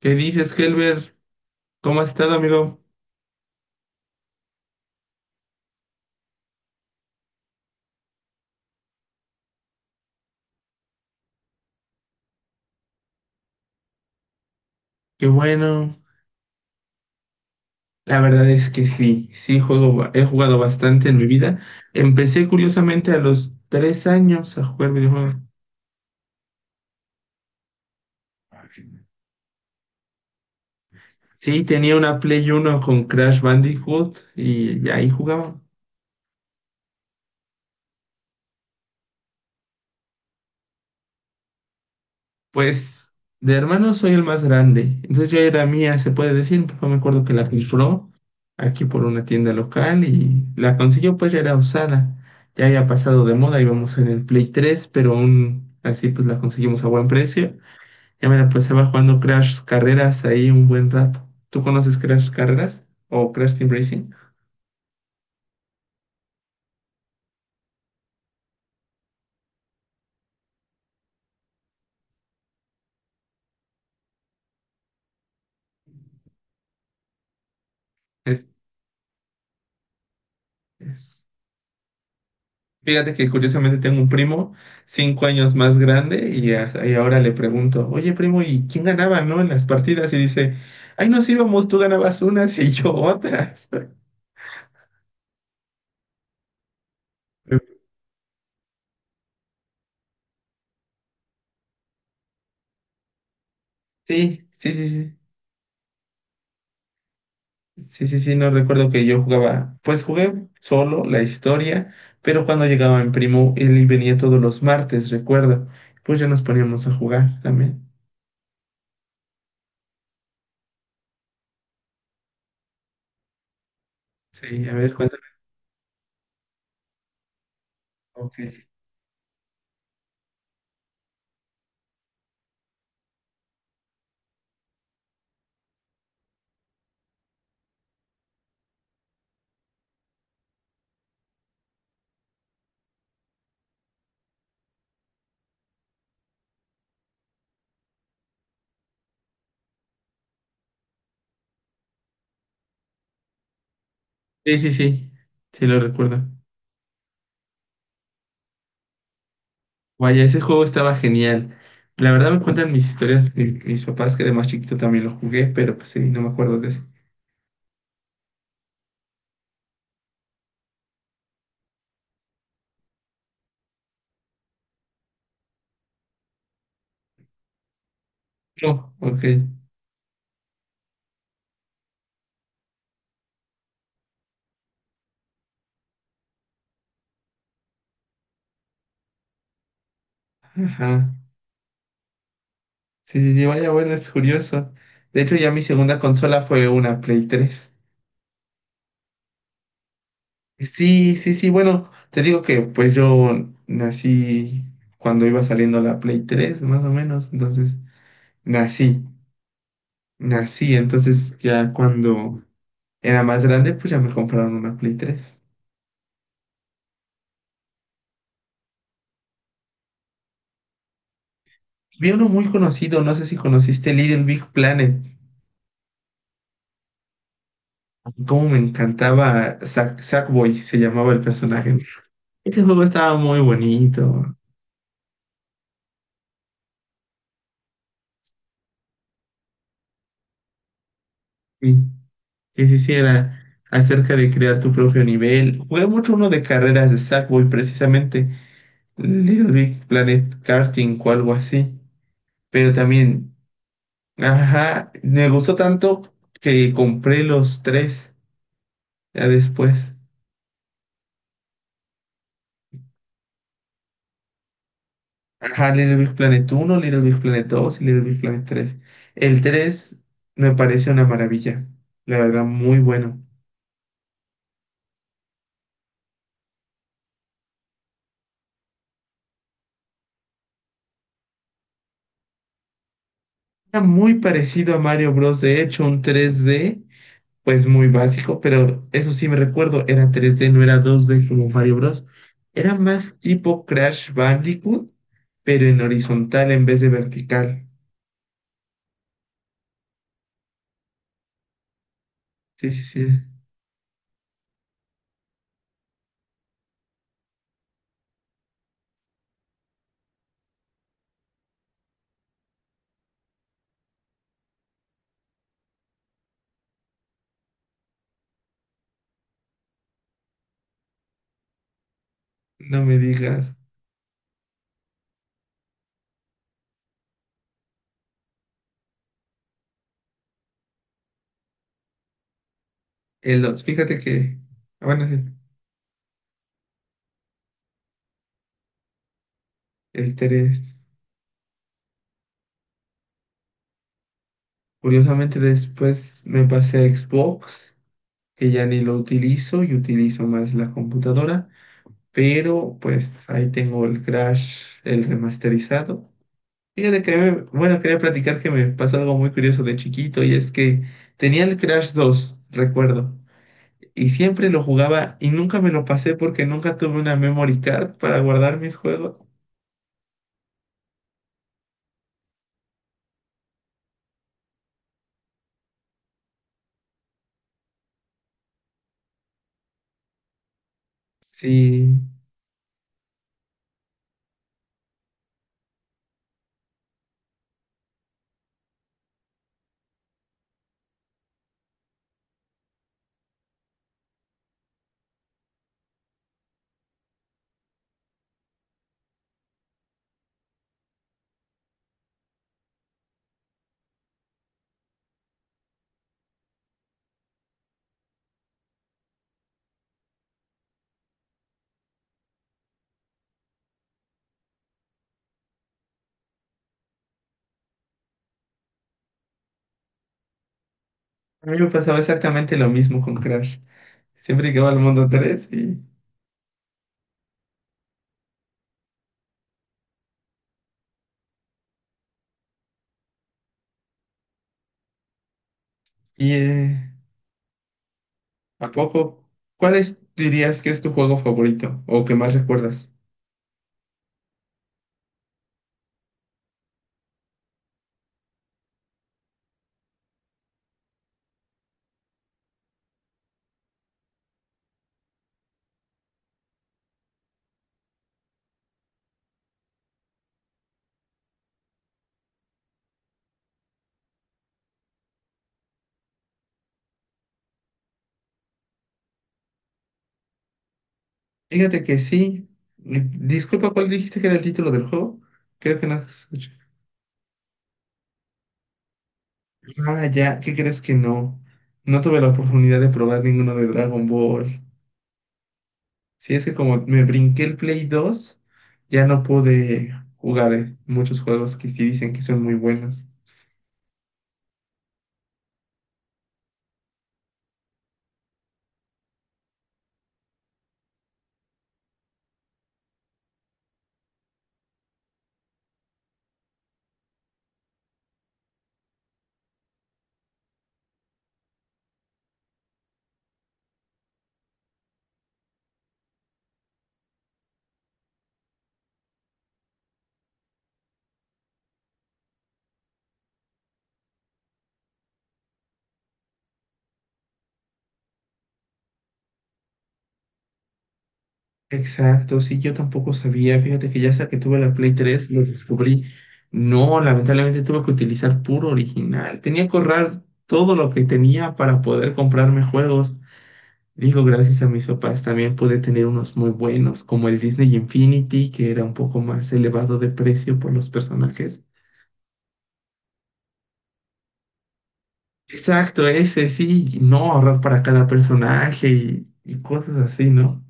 ¿Qué dices, Helber? ¿Cómo has estado, amigo? Qué bueno. La verdad es que sí, sí juego, he jugado bastante en mi vida. Empecé curiosamente a los 3 años a jugar videojuegos. Sí, tenía una Play 1 con Crash Bandicoot y ahí jugaba. Pues de hermanos soy el más grande. Entonces yo era mía, se puede decir. Mi papá me acuerdo que la rifó aquí por una tienda local y la consiguió, pues ya era usada. Ya había pasado de moda, íbamos en el Play 3, pero aún así pues la conseguimos a buen precio. Ya me la pasaba jugando Crash Carreras ahí un buen rato. ¿Tú conoces Crash Carreras o Crash Team Racing? Es- Fíjate que curiosamente tengo un primo 5 años más grande y y ahora le pregunto: oye primo, ¿y quién ganaba, no? En las partidas, y dice: ay, nos íbamos, tú ganabas unas y yo otras. Sí, sí, sí, sí. Sí, sí, sí, no recuerdo que yo jugaba. Pues jugué solo la historia, pero cuando llegaba mi primo, él venía todos los martes, recuerdo. Pues ya nos poníamos a jugar también. Sí, a ver, cuéntame. Ok. Sí, sí, sí, sí lo recuerdo. Vaya, ese juego estaba genial. La verdad, me cuentan mis historias, mis papás, que de más chiquito también lo jugué, pero pues sí, no me acuerdo de ese. No, ok. Ajá. Sí, sí, sí, vaya, bueno, es curioso. De hecho, ya mi segunda consola fue una Play 3. Sí, sí, sí, bueno, te digo que pues yo nací cuando iba saliendo la Play 3, más o menos. Entonces nací, nací, entonces ya cuando era más grande, pues ya me compraron una Play 3. Vi uno muy conocido, no sé si conociste Little Big Planet. Cómo me encantaba Sack, Sackboy, se llamaba el personaje. Este juego estaba muy bonito. Sí, sí, sí, sí, era acerca de crear tu propio nivel. Jugué mucho uno de carreras de Sackboy, precisamente. Little Big Planet Karting o algo así. Pero también, ajá, me gustó tanto que compré los tres ya después. Ajá, Little Big Planet 1, Little Big Planet 2 y Little Big Planet 3. El 3 me parece una maravilla. La verdad, muy bueno. Está muy parecido a Mario Bros. De hecho, un 3D pues muy básico, pero eso sí me recuerdo, era 3D, no era 2D como Mario Bros. Era más tipo Crash Bandicoot, pero en horizontal en vez de vertical. Sí, sí, sí. No me digas. El 2, fíjate que... Ah, bueno, sí, el 3. Curiosamente después me pasé a Xbox, que ya ni lo utilizo, y utilizo más la computadora, pero pues ahí tengo el Crash, el remasterizado. Fíjate que, bueno, quería platicar que me pasó algo muy curioso de chiquito, y es que tenía el Crash 2, recuerdo, y siempre lo jugaba y nunca me lo pasé porque nunca tuve una memory card para guardar mis juegos. Sí, a mí me pasaba exactamente lo mismo con Crash. Siempre llegaba al mundo 3 y... Y, ¿a poco? ¿Dirías que es tu juego favorito o que más recuerdas? Fíjate que sí. Disculpa, ¿cuál dijiste que era el título del juego? Creo que no escuché. Ah, ya, ¿qué crees que no? No tuve la oportunidad de probar ninguno de Dragon Ball. Sí, es que como me brinqué el Play 2, ya no pude jugar muchos juegos que sí dicen que son muy buenos. Exacto, sí, yo tampoco sabía. Fíjate que ya hasta que tuve la Play 3 lo descubrí. No, lamentablemente tuve que utilizar puro original. Tenía que ahorrar todo lo que tenía para poder comprarme juegos. Digo, gracias a mis papás también pude tener unos muy buenos, como el Disney Infinity, que era un poco más elevado de precio por los personajes. Exacto, ese sí, no, ahorrar para cada personaje, y cosas así, ¿no?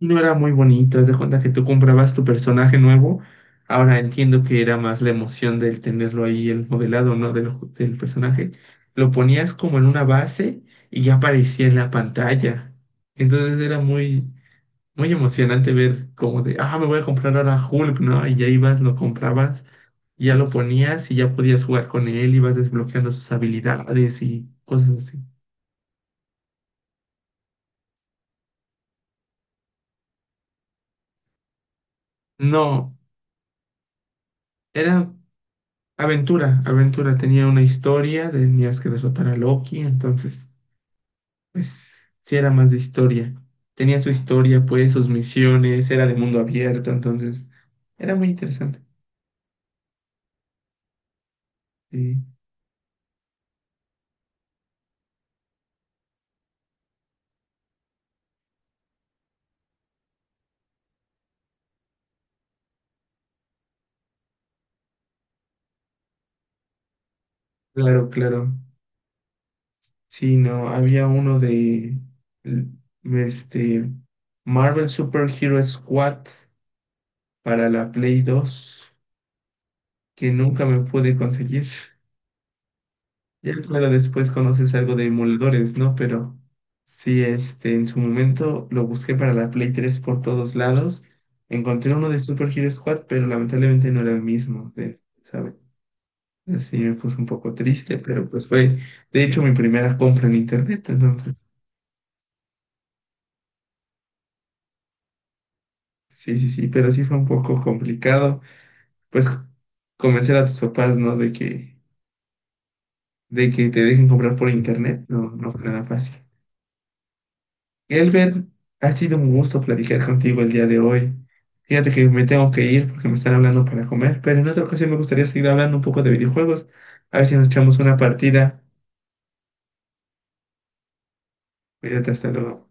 No, era muy bonito, haz de cuenta que tú comprabas tu personaje nuevo. Ahora entiendo que era más la emoción del tenerlo ahí, el modelado, ¿no? Del personaje. Lo ponías como en una base y ya aparecía en la pantalla. Entonces era muy, muy emocionante ver como de: ah, me voy a comprar ahora Hulk, ¿no? Y ya ibas, lo comprabas, ya lo ponías y ya podías jugar con él, ibas desbloqueando sus habilidades y cosas así. No, era aventura. Aventura, tenía una historia, tenías que derrotar a Loki, entonces, pues sí, era más de historia. Tenía su historia, pues, sus misiones, era de mundo abierto, entonces era muy interesante. Sí, claro, claro. Sí, no, había uno de l- este Marvel Super Hero Squad para la Play 2 que nunca me pude conseguir. Ya, claro, después conoces algo de emuladores, ¿no? Pero sí, este, en su momento lo busqué para la Play 3 por todos lados. Encontré uno de Super Hero Squad, pero lamentablemente no era el mismo, ¿sabes? Así me puse un poco triste, pero pues fue, de hecho, mi primera compra en internet. Entonces, sí, sí, sí, pero sí fue un poco complicado, pues, convencer a tus papás, ¿no? De que te dejen comprar por internet. No, no fue nada fácil. Elber, ha sido un gusto platicar contigo el día de hoy. Fíjate que me tengo que ir porque me están hablando para comer, pero en otra ocasión me gustaría seguir hablando un poco de videojuegos. A ver si nos echamos una partida. Cuídate, hasta luego.